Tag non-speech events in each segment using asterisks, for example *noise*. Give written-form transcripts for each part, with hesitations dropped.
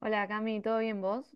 Hola Cami, ¿todo bien vos?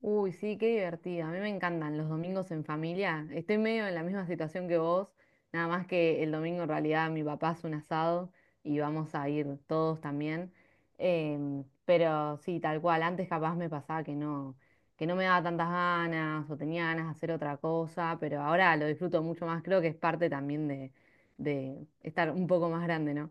Uy, sí, qué divertida. A mí me encantan los domingos en familia. Estoy medio en la misma situación que vos, nada más que el domingo en realidad mi papá hace un asado y vamos a ir todos también. Pero sí, tal cual, antes capaz me pasaba que no me daba tantas ganas o tenía ganas de hacer otra cosa, pero ahora lo disfruto mucho más. Creo que es parte también de estar un poco más grande, ¿no?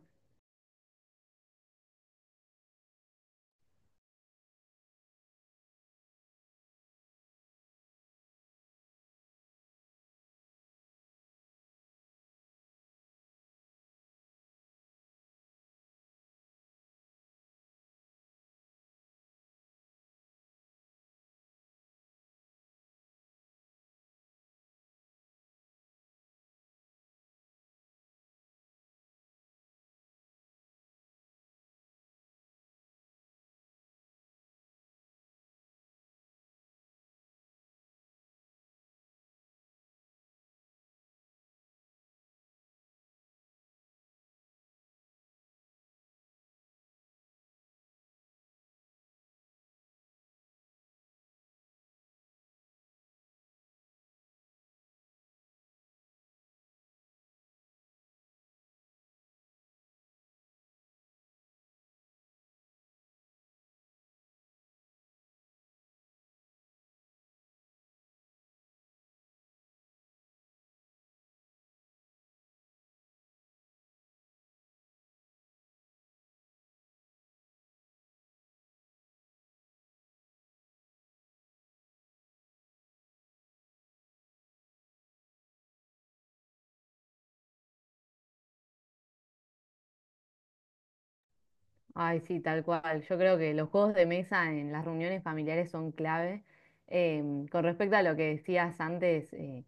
Ay, sí, tal cual. Yo creo que los juegos de mesa en las reuniones familiares son clave. Con respecto a lo que decías antes,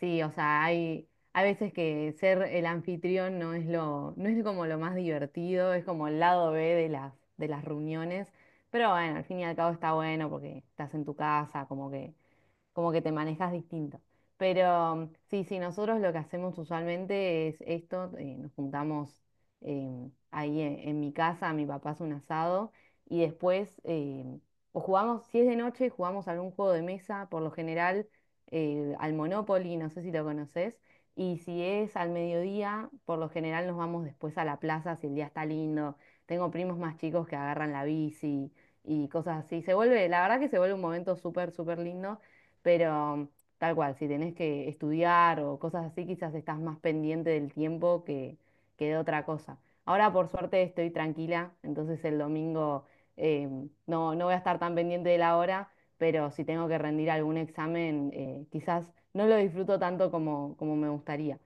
sí, o sea, hay veces que ser el anfitrión no es lo, no es como lo más divertido, es como el lado B de de las reuniones. Pero bueno, al fin y al cabo está bueno porque estás en tu casa, como que te manejas distinto. Pero mm, sí, sí, nosotros lo que hacemos usualmente es esto, nos juntamos ahí en mi casa, mi papá hace un asado y después o jugamos, si es de noche, jugamos algún juego de mesa, por lo general al Monopoly, no sé si lo conoces, y si es al mediodía, por lo general nos vamos después a la plaza si el día está lindo. Tengo primos más chicos que agarran la bici y cosas así. Se vuelve, la verdad que se vuelve un momento súper, súper lindo, pero tal cual, si tenés que estudiar o cosas así, quizás estás más pendiente del tiempo que de otra cosa. Ahora, por suerte, estoy tranquila, entonces el domingo eh, no, no voy a estar tan pendiente de la hora, pero si tengo que rendir algún examen, quizás no lo disfruto tanto como, como me gustaría.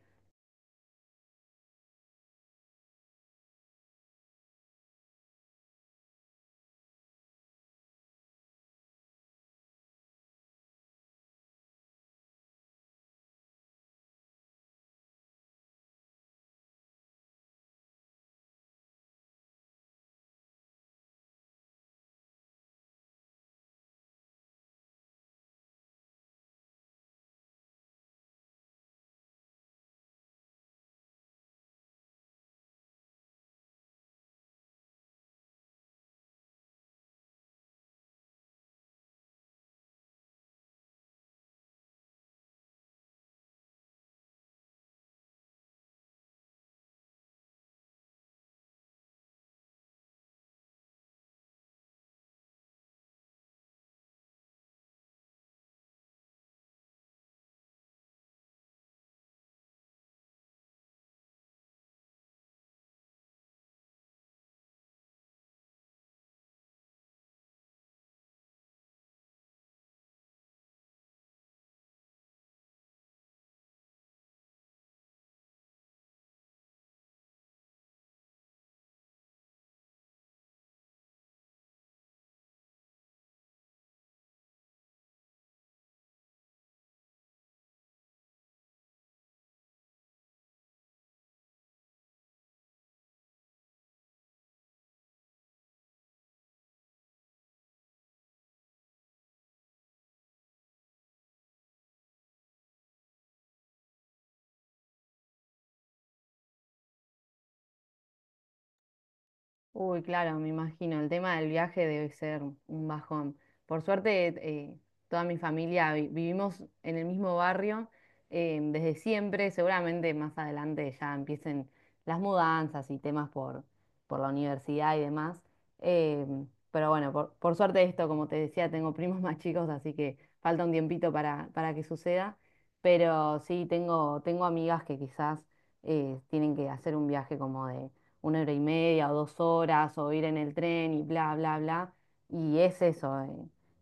Uy, claro, me imagino. El tema del viaje debe ser un bajón. Por suerte, eh, toda mi familia vivimos en el mismo barrio desde siempre. Seguramente más adelante ya empiecen las mudanzas y temas por la universidad y demás. Eh, pero bueno, por suerte esto, como te decía, tengo primos *laughs* más chicos, así que falta un tiempito para que suceda. Pero sí, tengo amigas que quizás tienen que hacer un viaje como de una hora y media o dos horas o ir en el tren y bla, bla, bla. Y es eso,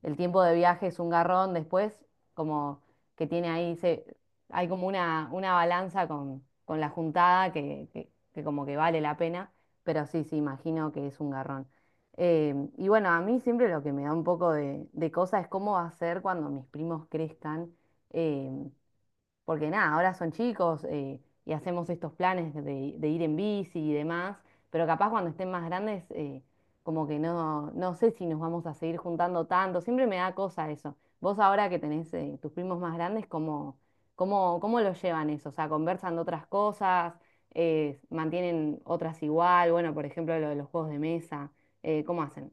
el tiempo de viaje es un garrón después, como que tiene ahí, se, hay como una balanza con la juntada que como que vale la pena, pero sí, sí, imagino que es un garrón. Y bueno, a mí siempre lo que me da un poco de cosa es cómo va a ser cuando mis primos crezcan. eh, Porque nada, ahora son chicos y hacemos estos planes de ir en bici y demás, pero capaz cuando estén más grandes, como que no, no sé si nos vamos a seguir juntando tanto, siempre me da cosa eso. Vos ahora que tenés tus primos más grandes, ¿cómo, cómo lo llevan eso? O sea, ¿conversan de otras cosas? ¿Mantienen otras igual? Bueno, por ejemplo, lo de los juegos de mesa, ¿cómo hacen?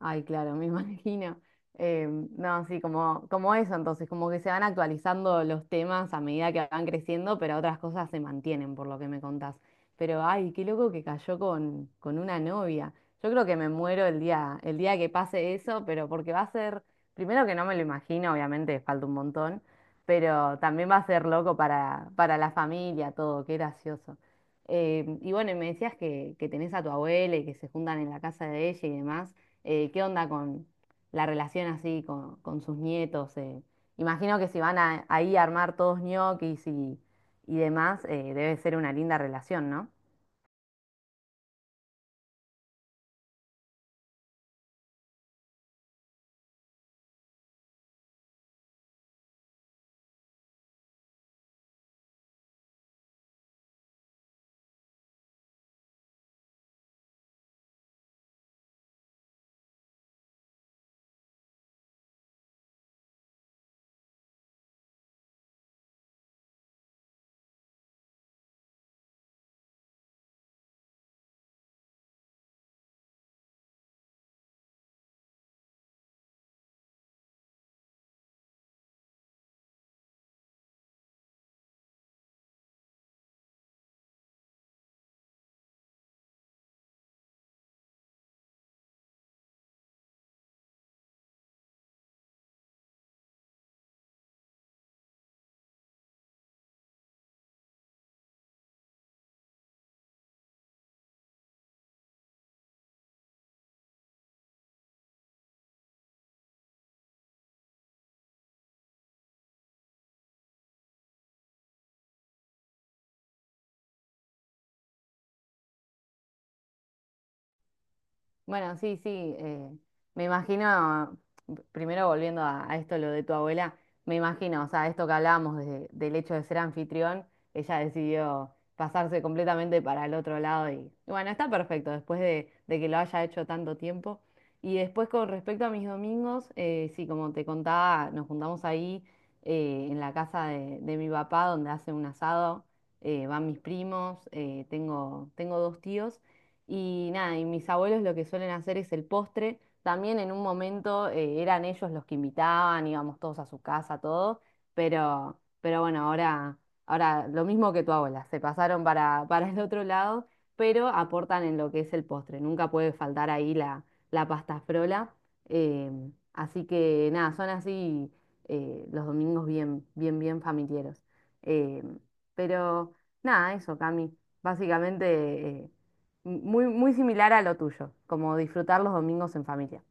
Ay, claro, *laughs* me imagino. Eh, no, sí, como, como eso, entonces, como que se van actualizando los temas a medida que van creciendo, pero otras cosas se mantienen, por lo que me contás. Pero, ay, qué loco que cayó con una novia. Yo creo que me muero el día que pase eso, pero porque va a ser, primero que no me lo imagino, obviamente falta un montón, pero también va a ser loco para la familia, todo, qué gracioso. Y bueno, y me decías que tenés a tu abuela y que se juntan en la casa de ella y demás, ¿qué onda con la relación así con sus nietos? ¿eh? Imagino que si van ahí a armar todos ñoquis y demás, debe ser una linda relación, ¿no? Bueno, sí, sí, eh, me imagino, primero volviendo a esto, lo de tu abuela, me imagino, o sea, esto que hablábamos del hecho de ser anfitrión, ella decidió pasarse completamente para el otro lado y bueno, está perfecto después de que lo haya hecho tanto tiempo. Y después con respecto a mis domingos, sí, como te contaba, nos juntamos ahí en la casa de mi papá donde hace un asado, van mis primos, tengo dos tíos. Y nada, y mis abuelos lo que suelen hacer es el postre. También en un momento eran ellos los que invitaban, íbamos todos a su casa, todos, pero bueno, ahora lo mismo que tu abuela, se pasaron para el otro lado, pero aportan en lo que es el postre. Nunca puede faltar ahí la, la pasta frola. eh, Así que nada, son así los domingos bien, bien, bien familiares. Eh, pero nada, eso, Cami. Básicamente muy, muy similar a lo tuyo, como disfrutar los domingos en familia.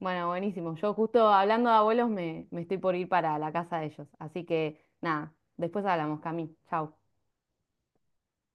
Bueno, buenísimo. Yo justo hablando de abuelos me, me estoy por ir para la casa de ellos. Así que nada, después hablamos, Cami. Chau.